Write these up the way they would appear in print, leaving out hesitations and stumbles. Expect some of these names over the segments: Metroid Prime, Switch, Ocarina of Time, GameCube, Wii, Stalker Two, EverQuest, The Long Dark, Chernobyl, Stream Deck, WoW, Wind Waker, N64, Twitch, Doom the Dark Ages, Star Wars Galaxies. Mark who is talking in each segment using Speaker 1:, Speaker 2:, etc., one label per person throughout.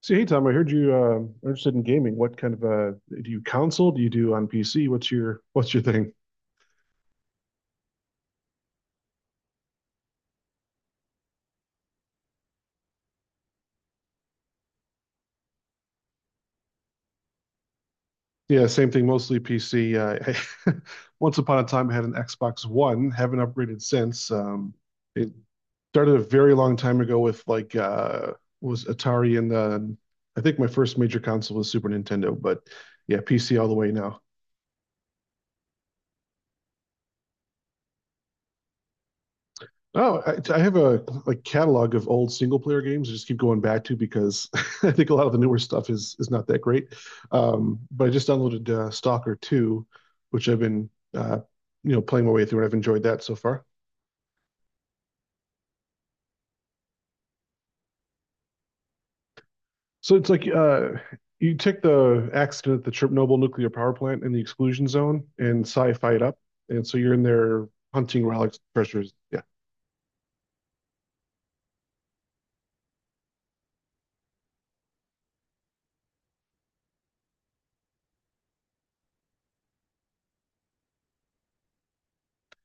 Speaker 1: So hey Tom, I heard you are interested in gaming. What kind of do you console? Do you do on PC? What's your thing? Yeah, same thing. Mostly PC. I, once upon a time, I had an Xbox One. Haven't upgraded since. It started a very long time ago with like was Atari, and I think my first major console was Super Nintendo. But yeah, PC all the way now. Oh, I have a like catalog of old single player games. I just keep going back to because I think a lot of the newer stuff is not that great. But I just downloaded Stalker Two, which I've been uh, playing my way through, and I've enjoyed that so far. So it's like you take the accident at the Chernobyl nuclear power plant in the exclusion zone and sci-fi it up, and so you're in there hunting relics, treasures. Yeah,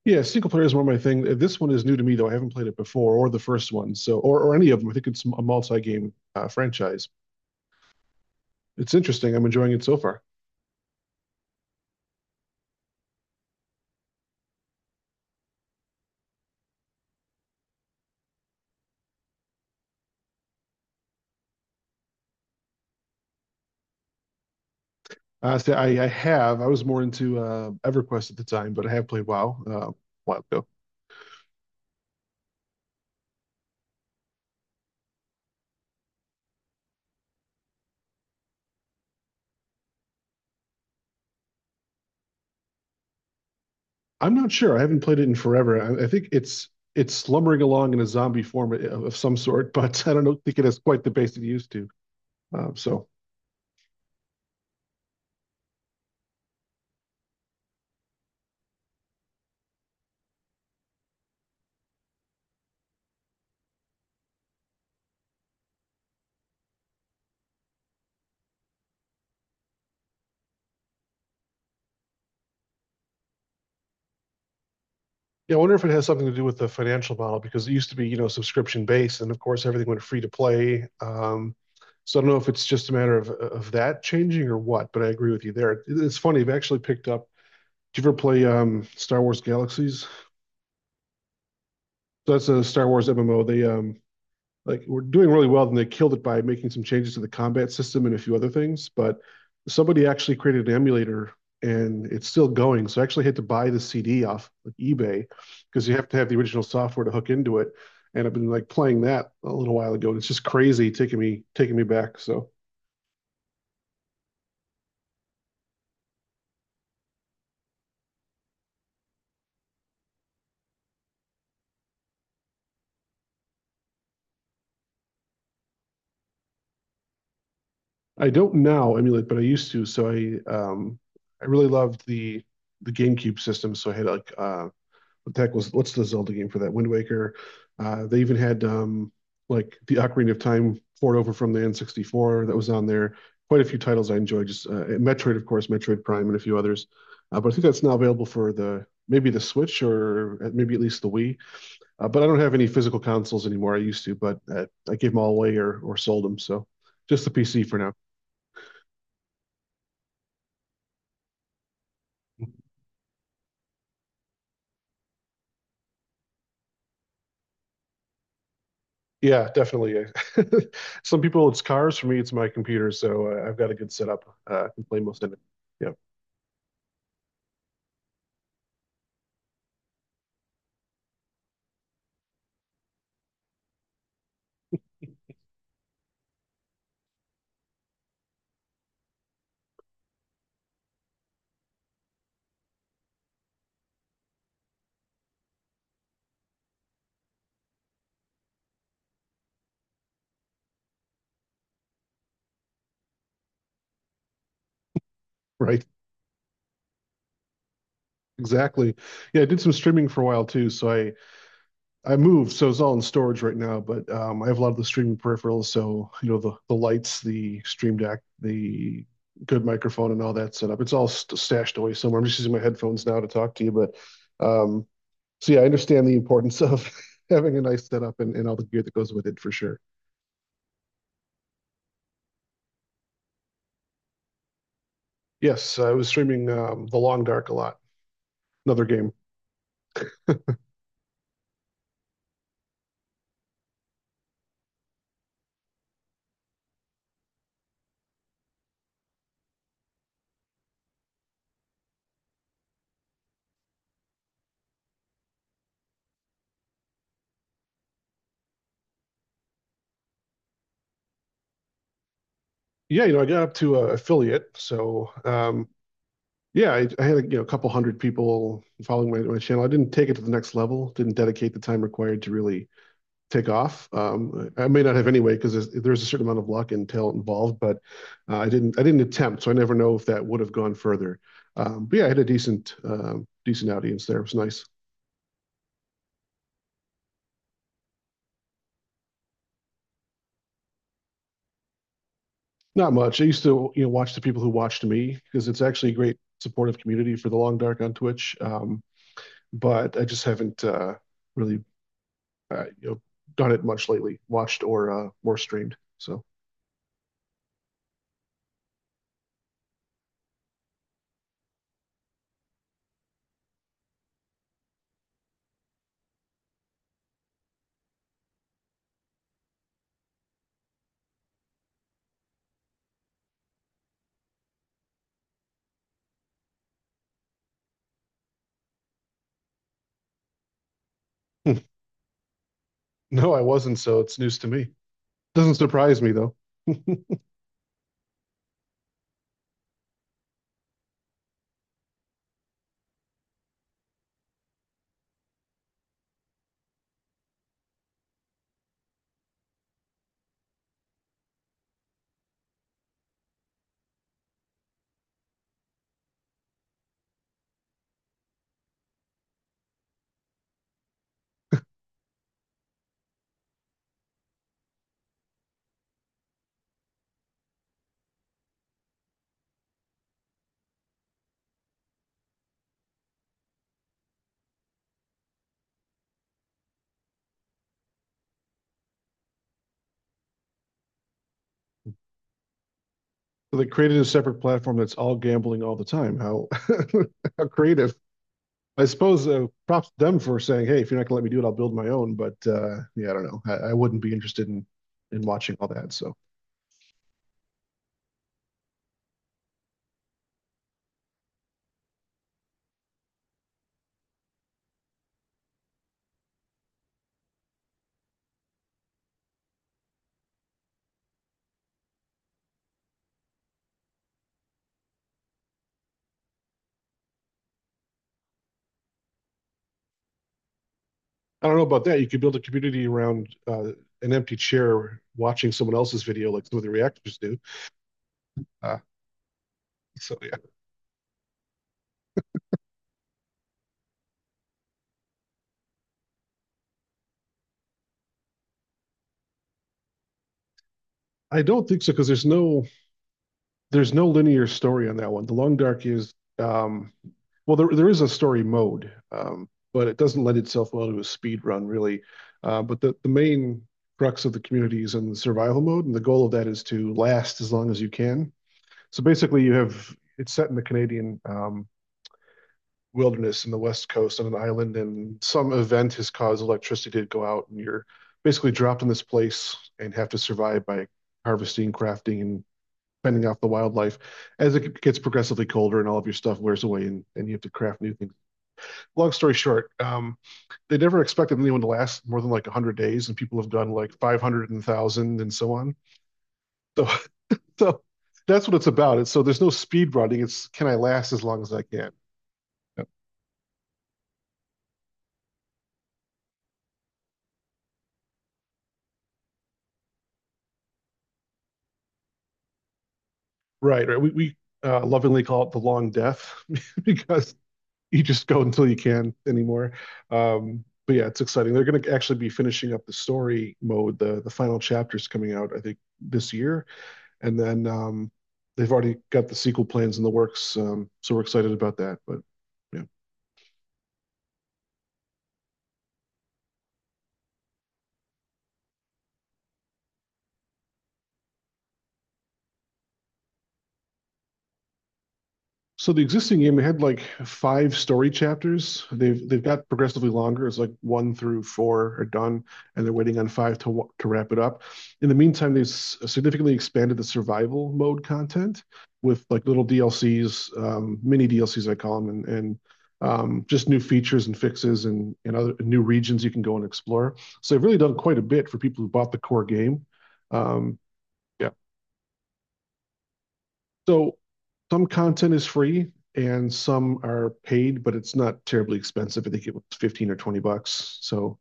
Speaker 1: yeah, single player is more my thing. This one is new to me though. I haven't played it before, or the first one, so or any of them. I think it's a multi-game franchise. It's interesting. I'm enjoying it so far. So I have. I was more into EverQuest at the time, but I have played WoW a while ago. I'm not sure. I haven't played it in forever. I think it's slumbering along in a zombie form of some sort, but I don't know, think it has quite the base it used to. Uh, so Yeah, I wonder if it has something to do with the financial model because it used to be, you know, subscription based, and of course everything went free to play. So I don't know if it's just a matter of that changing or what, but I agree with you there. It's funny. I've actually picked up. Did you ever play Star Wars Galaxies? So that's a Star Wars MMO. They like we're doing really well, then they killed it by making some changes to the combat system and a few other things. But somebody actually created an emulator and it's still going. So I actually had to buy the CD off like eBay because you have to have the original software to hook into it. And I've been like playing that a little while ago, and it's just crazy taking me back. So I don't now emulate, but I used to. So I really loved the GameCube system. So I had like Tech was, what's the Zelda game for that? Wind Waker. They even had like the Ocarina of Time port over from the N64 that was on there. Quite a few titles I enjoyed. Just Metroid, of course, Metroid Prime, and a few others. But I think that's now available for the maybe the Switch or maybe at least the Wii. But I don't have any physical consoles anymore. I used to, but I gave them all away or sold them. So just the PC for now. Yeah, definitely. Some people it's cars. For me, it's my computer. So I've got a good setup. I can play most of it. Yeah. Right, exactly. Yeah, I did some streaming for a while too, so I moved, so it's all in storage right now, but I have a lot of the streaming peripherals, so you know the lights, the Stream Deck, the good microphone and all that set up. It's all st stashed away somewhere. I'm just using my headphones now to talk to you, but um so yeah, I understand the importance of having a nice setup and all the gear that goes with it for sure. Yes, I was streaming The Long Dark a lot, another game. Yeah, I got up to affiliate. So, yeah, I had a, a couple hundred people following my channel. I didn't take it to the next level, didn't dedicate the time required to really take off. I may not have anyway, because there's a certain amount of luck and talent involved, but I didn't attempt. So I never know if that would have gone further. But yeah, I had a decent audience there. It was nice. Not much. I used to, watch the people who watched me because it's actually a great supportive community for the long dark on Twitch. But I just haven't really uh, you know, done it much lately, watched or more streamed. So no, I wasn't. So it's news to me. Doesn't surprise me though. So they created a separate platform that's all gambling all the time. How how creative. I suppose props to them for saying, "Hey, if you're not gonna let me do it, I'll build my own." But yeah, I don't know. I wouldn't be interested in watching all that. So I don't know about that. You could build a community around an empty chair watching someone else's video, like some of the reactors do. Uh, yeah, I don't think so because there's no linear story on that one. The Long Dark is well, there is a story mode, but it doesn't lend itself well to a speed run really. But the main crux of the community is in the survival mode, and the goal of that is to last as long as you can. So basically, you have it's set in the Canadian wilderness in the west coast on an island, and some event has caused electricity to go out, and you're basically dropped in this place and have to survive by harvesting, crafting, and fending off the wildlife as it gets progressively colder and all of your stuff wears away and you have to craft new things. Long story short, they never expected anyone to last more than like 100 days, and people have gone like 500 and 1,000 and so on. So, so that's what it's about. It's, so there's no speed running. It's, can I last as long as I can? Yep. Right, right. We lovingly call it the long death because you just go until you can anymore. But yeah, it's exciting. They're going to actually be finishing up the story mode. The final chapter's coming out, I think, this year, and then they've already got the sequel plans in the works. So we're excited about that. But yeah, so the existing game had like five-story chapters. They've got progressively longer. It's like one through four are done, and they're waiting on five to wrap it up. In the meantime, they've significantly expanded the survival mode content with like little DLCs, mini DLCs I call them, and just new features and fixes and other new regions you can go and explore. So they've really done quite a bit for people who bought the core game. Um, yeah, so some content is free and some are paid, but it's not terribly expensive. I think it was 15 or $20. So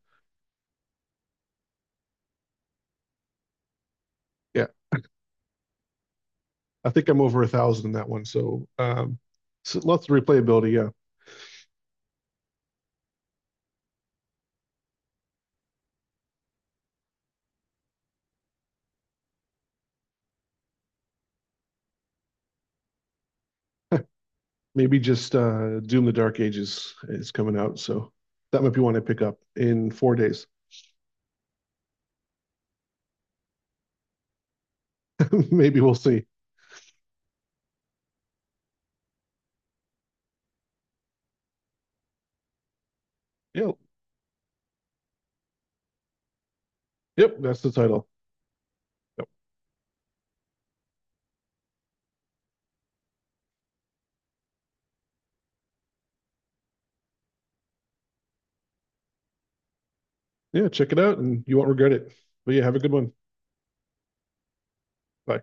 Speaker 1: yeah, I think I'm over a thousand in that one. So, so lots of replayability. Yeah. Maybe just Doom the Dark Ages is coming out. So that might be one I pick up in 4 days. Maybe we'll see. Yeah. Yep. That's the title. Yep. Yeah. Check it out and you won't regret it. But yeah, have a good one. Bye.